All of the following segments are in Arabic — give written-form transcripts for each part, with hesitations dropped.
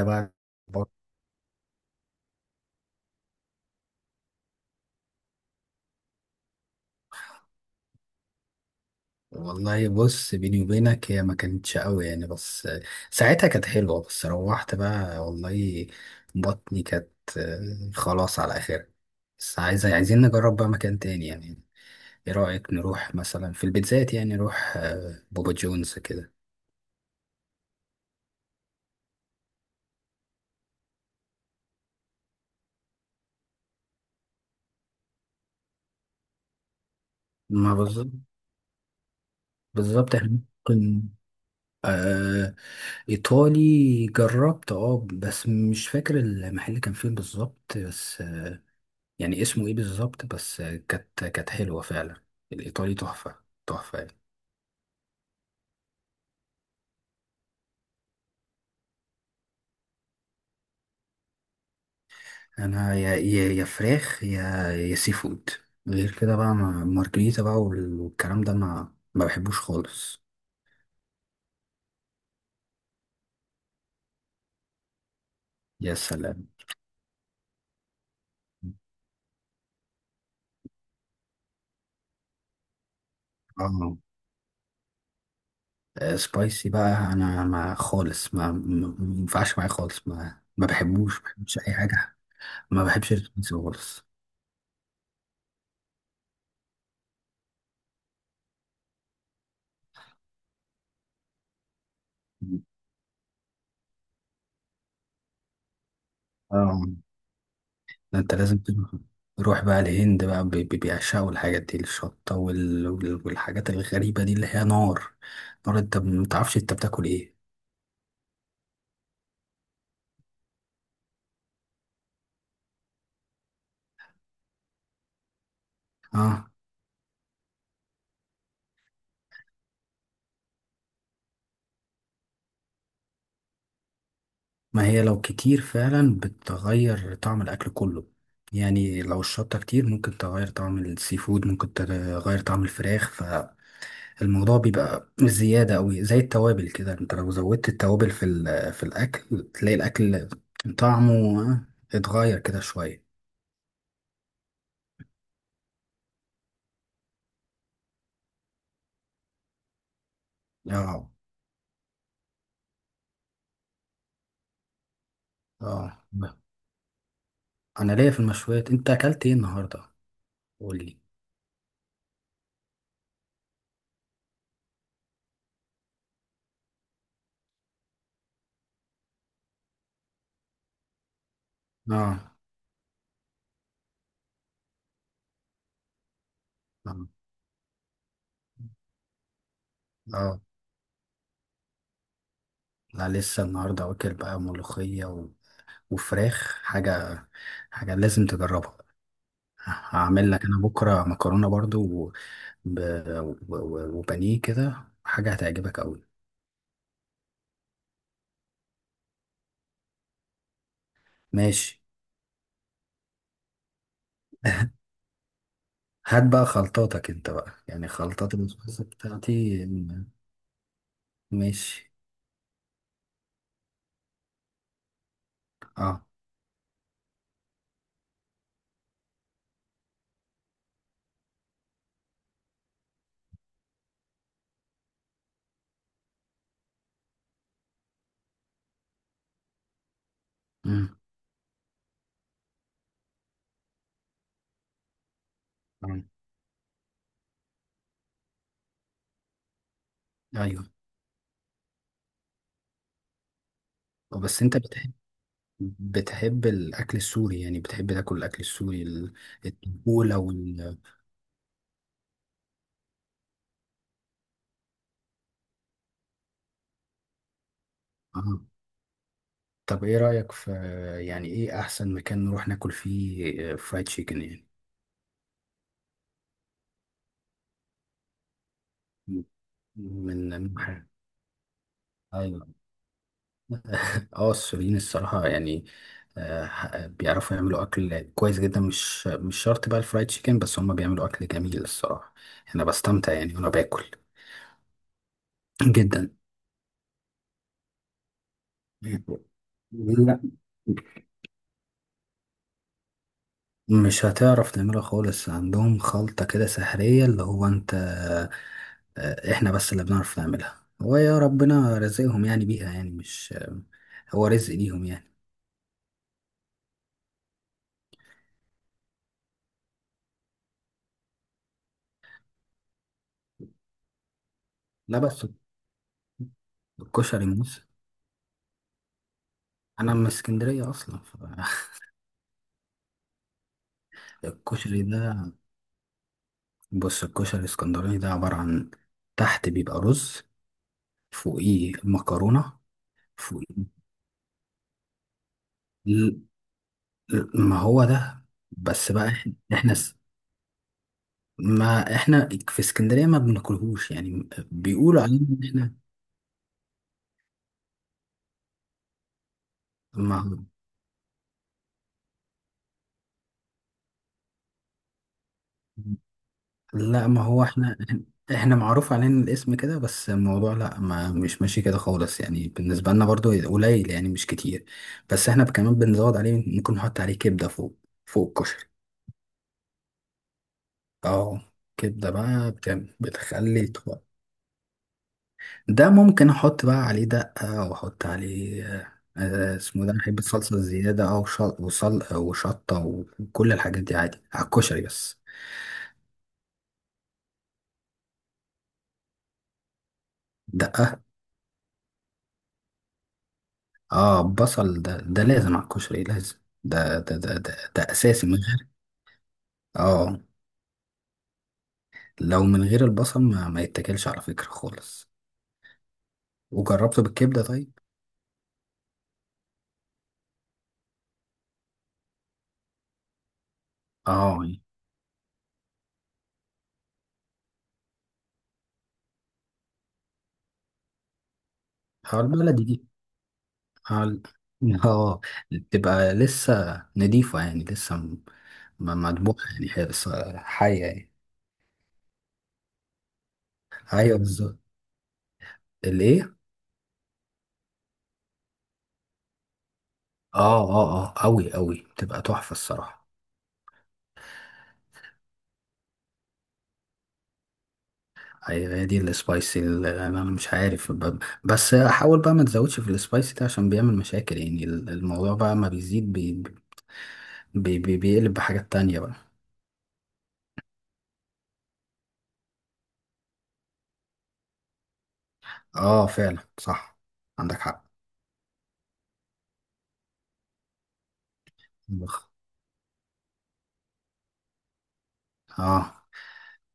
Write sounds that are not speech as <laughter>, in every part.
بقى بط- والله بص، بيني وبينك هي ما كانتش قوي يعني، بس ساعتها كانت حلوة. بس روحت بقى والله بطني كانت خلاص على آخرها. بس عايزين نجرب بقى مكان تاني يعني. ايه رأيك نروح مثلا في البيتزات، يعني نروح بابا جونز كده؟ ما بالظبط احنا ممكن، آه إيطالي جربت، بس مش فاكر المحل كان فين بالظبط. بس يعني اسمه ايه بالظبط؟ بس كانت حلوة فعلا. الإيطالي تحفة، تحفة يعني. أنا يا فراخ يا سي فود. غير كده بقى، مارجريتا بقى والكلام ده ما بحبوش خالص. يا سلام. اه سبايسي بقى أنا، ما خالص، ما ينفعش معايا خالص، ما بحبوش، ما بحبش أي حاجة. ما بحبش السبايسي خالص. اه، ده انت لازم تروح. روح بقى الهند بقى، بيعشقوا الحاجات دي، الشطة والحاجات الغريبة دي اللي هي نار. نار، انت متعرفش انت بتاكل ايه. اه، ما هي لو كتير فعلا بتغير طعم الاكل كله. يعني لو الشطة كتير ممكن تغير طعم السي فود، ممكن تغير طعم الفراخ. فالموضوع بيبقى زيادة أوي، زي التوابل كده. انت لو زودت التوابل في الأكل تلاقي الأكل طعمه آه، اتغير كده شوية. اه، اه، انا ليا في المشويات. انت اكلت ايه النهارده؟ قول لي. اه، اه، اه. لا، لسه النهارده واكل بقى ملوخيه و... وفراخ. حاجه لازم تجربها. هعمل لك انا بكره مكرونه برضو و... ب... و... و... وبانيه كده، حاجه هتعجبك قوي. ماشي. هات بقى خلطاتك انت بقى، يعني خلطات البسبوسه بتاعتي. ماشي. اه، امم آه. ايوه. بس انت بتحب، الأكل السوري، يعني بتحب تاكل الأكل السوري التقولة وال آه. طب إيه رأيك في، يعني إيه أحسن مكان نروح ناكل فيه فرايد تشيكن يعني؟ م- من من ح- أيوة. آه السوريين الصراحة يعني، بيعرفوا يعملوا أكل كويس جدا، مش شرط بقى الفرايد تشيكن بس، هما بيعملوا أكل جميل الصراحة. أنا بستمتع يعني وأنا باكل جدا. لا، مش هتعرف تعملها خالص. عندهم خلطة كده سحرية اللي هو انت، احنا بس اللي بنعرف نعملها، هو يا ربنا رزقهم يعني بيها يعني، مش هو رزق ليهم يعني. لا بس الكشري موسى، انا من اسكندرية اصلا. فالكشري <laughs> ده، بص، الكشري الاسكندراني ده عبارة عن، تحت بيبقى رز، فوقيه مكرونة، فوقيه، ل- ما هو ده. بس بقى احنا ما احنا في اسكندرية ما بناكلهوش يعني، بيقولوا علينا ان احنا. ما لا ما هو احنا، احنا معروف علينا الاسم كده، بس الموضوع لا ما مش ماشي كده خالص يعني، بالنسبة لنا برضو قليل يعني مش كتير. بس احنا كمان بنزود عليه، ممكن نحط عليه كبدة فوق، فوق الكشري. اه، كبدة بقى بتخلي طبق. ده ممكن احط بقى عليه دقة، واحط عليه اسمه ده. أنا بحب الصلصة الزيادة، او شط وصل وشطة وكل الحاجات دي عادي على الكشري. بس دقة. اه، بصل ده لازم على الكشري، لازم. ده اساسي، من غير. اه، لو من غير البصل، ما يتاكلش على فكرة خالص. وجربته بالكبدة طيب. اه. اه البلدي دي، اه، آه، بتبقى لسه نضيفة يعني، لسه مدبوحة يعني، هي لسه حية يعني. ايوه بالظبط. الايه؟ اه اه اه، قوي قوي، بتبقى تحفه الصراحه. ايوه، هي دي السبايسي اللي انا مش عارف، بس احاول بقى ما تزودش في السبايسي ده، عشان بيعمل مشاكل، يعني الموضوع بقى، ما بيزيد بي بي بي بيقلب بحاجات تانية بقى. اه فعلا صح. عندك حق. بخ- اه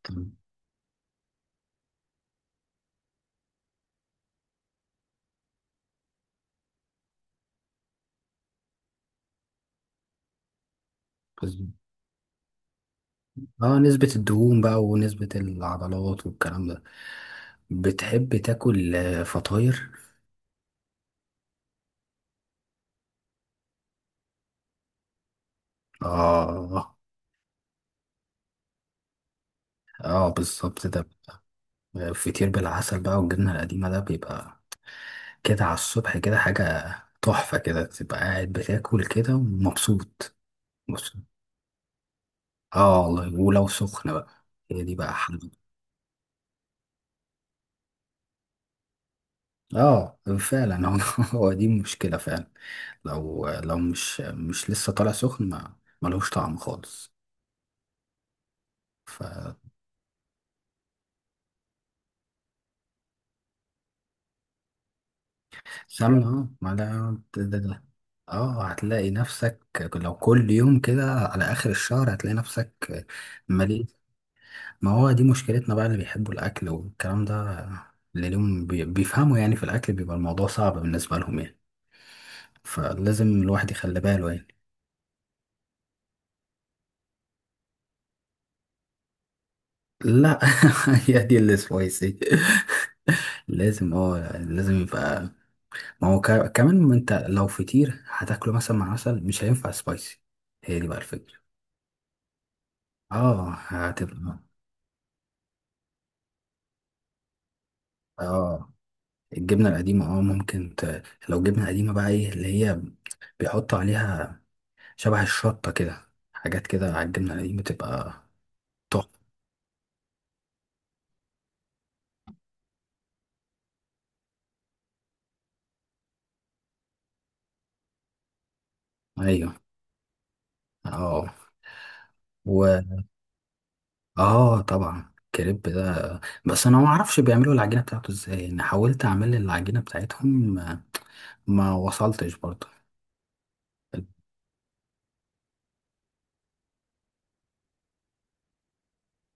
طب- بس- اه نسبة الدهون بقى ونسبة العضلات والكلام ده. بتحب تاكل فطاير؟ اه، اه، بالظبط ده. فطير بالعسل بقى والجبنة القديمة، ده بيبقى كده على الصبح كده، حاجة تحفة. كده تبقى قاعد بتاكل كده ومبسوط. بص. اه والله، ولو سخنة بقى، هي دي بقى حلوة. اه فعلا هو <laughs> هو دي مشكلة فعلا. لو لو مش لسه طالع سخن، ما ملوش طعم خالص. ف سمنة. اه، ما ده. ده- ده- اه، هتلاقي نفسك لو كل يوم كده، على آخر الشهر هتلاقي نفسك مليء. ما هو دي مشكلتنا بقى، اللي بيحبوا الأكل والكلام ده، اللي لهم بيفهموا يعني في الأكل، بيبقى الموضوع صعب بالنسبة لهم يعني، فلازم الواحد يخلي باله يعني. لا <laughs> هي دي اللي سويسي. <laughs> لازم يبقى. ما هو كمان، ما انت لو فطير هتاكله مثلا مع عسل، مش هينفع سبايسي، هي دي بقى الفكرة. اه هتبقى. اه الجبنة القديمة، اه ممكن لو جبنة قديمة بقى، ايه اللي هي بيحطوا عليها شبه الشطة كده، حاجات كده على الجبنة دي، بتبقى تحفة. أيوه. اه. و اه، طبعا الكريب ده، بس أنا ما أعرفش بيعملوا العجينة بتاعته إزاي. أنا حاولت أعمل العجينة بتاعتهم، ما وصلتش برضه.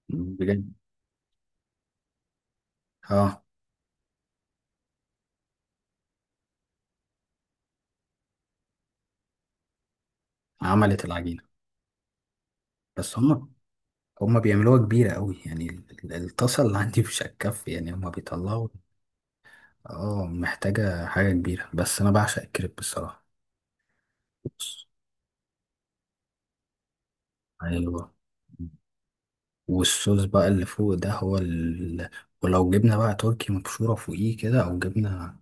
بجد. اه عملت العجينة، بس هما بيعملوها كبيرة قوي يعني، الطاسة اللي عندي <laughs> مش هتكفي يعني، هما بيطلعوا. اه، محتاجة حاجة كبيرة. بس أنا بعشق الكريب الصراحة. بص. أيوه. والصوص بقى اللي فوق ده هو ولو جبنا بقى تركي مبشورة فوقيه كده، أو جبنا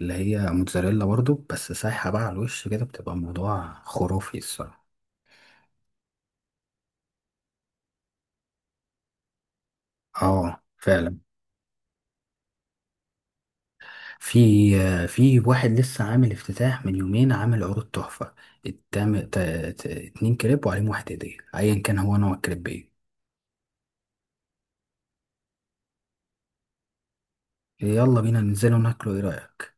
اللي هي موتزاريلا برضو، بس سايحة بقى على الوش كده، بتبقى الموضوع خرافي الصراحة. اه فعلا. في في واحد لسه عامل افتتاح من يومين، عامل عروض تحفة. التام... ت... 2 كريب وعليهم 1 هدية، أيا كان هو نوع الكريب ايه. يلا بينا ننزله وناكله، ايه رأيك؟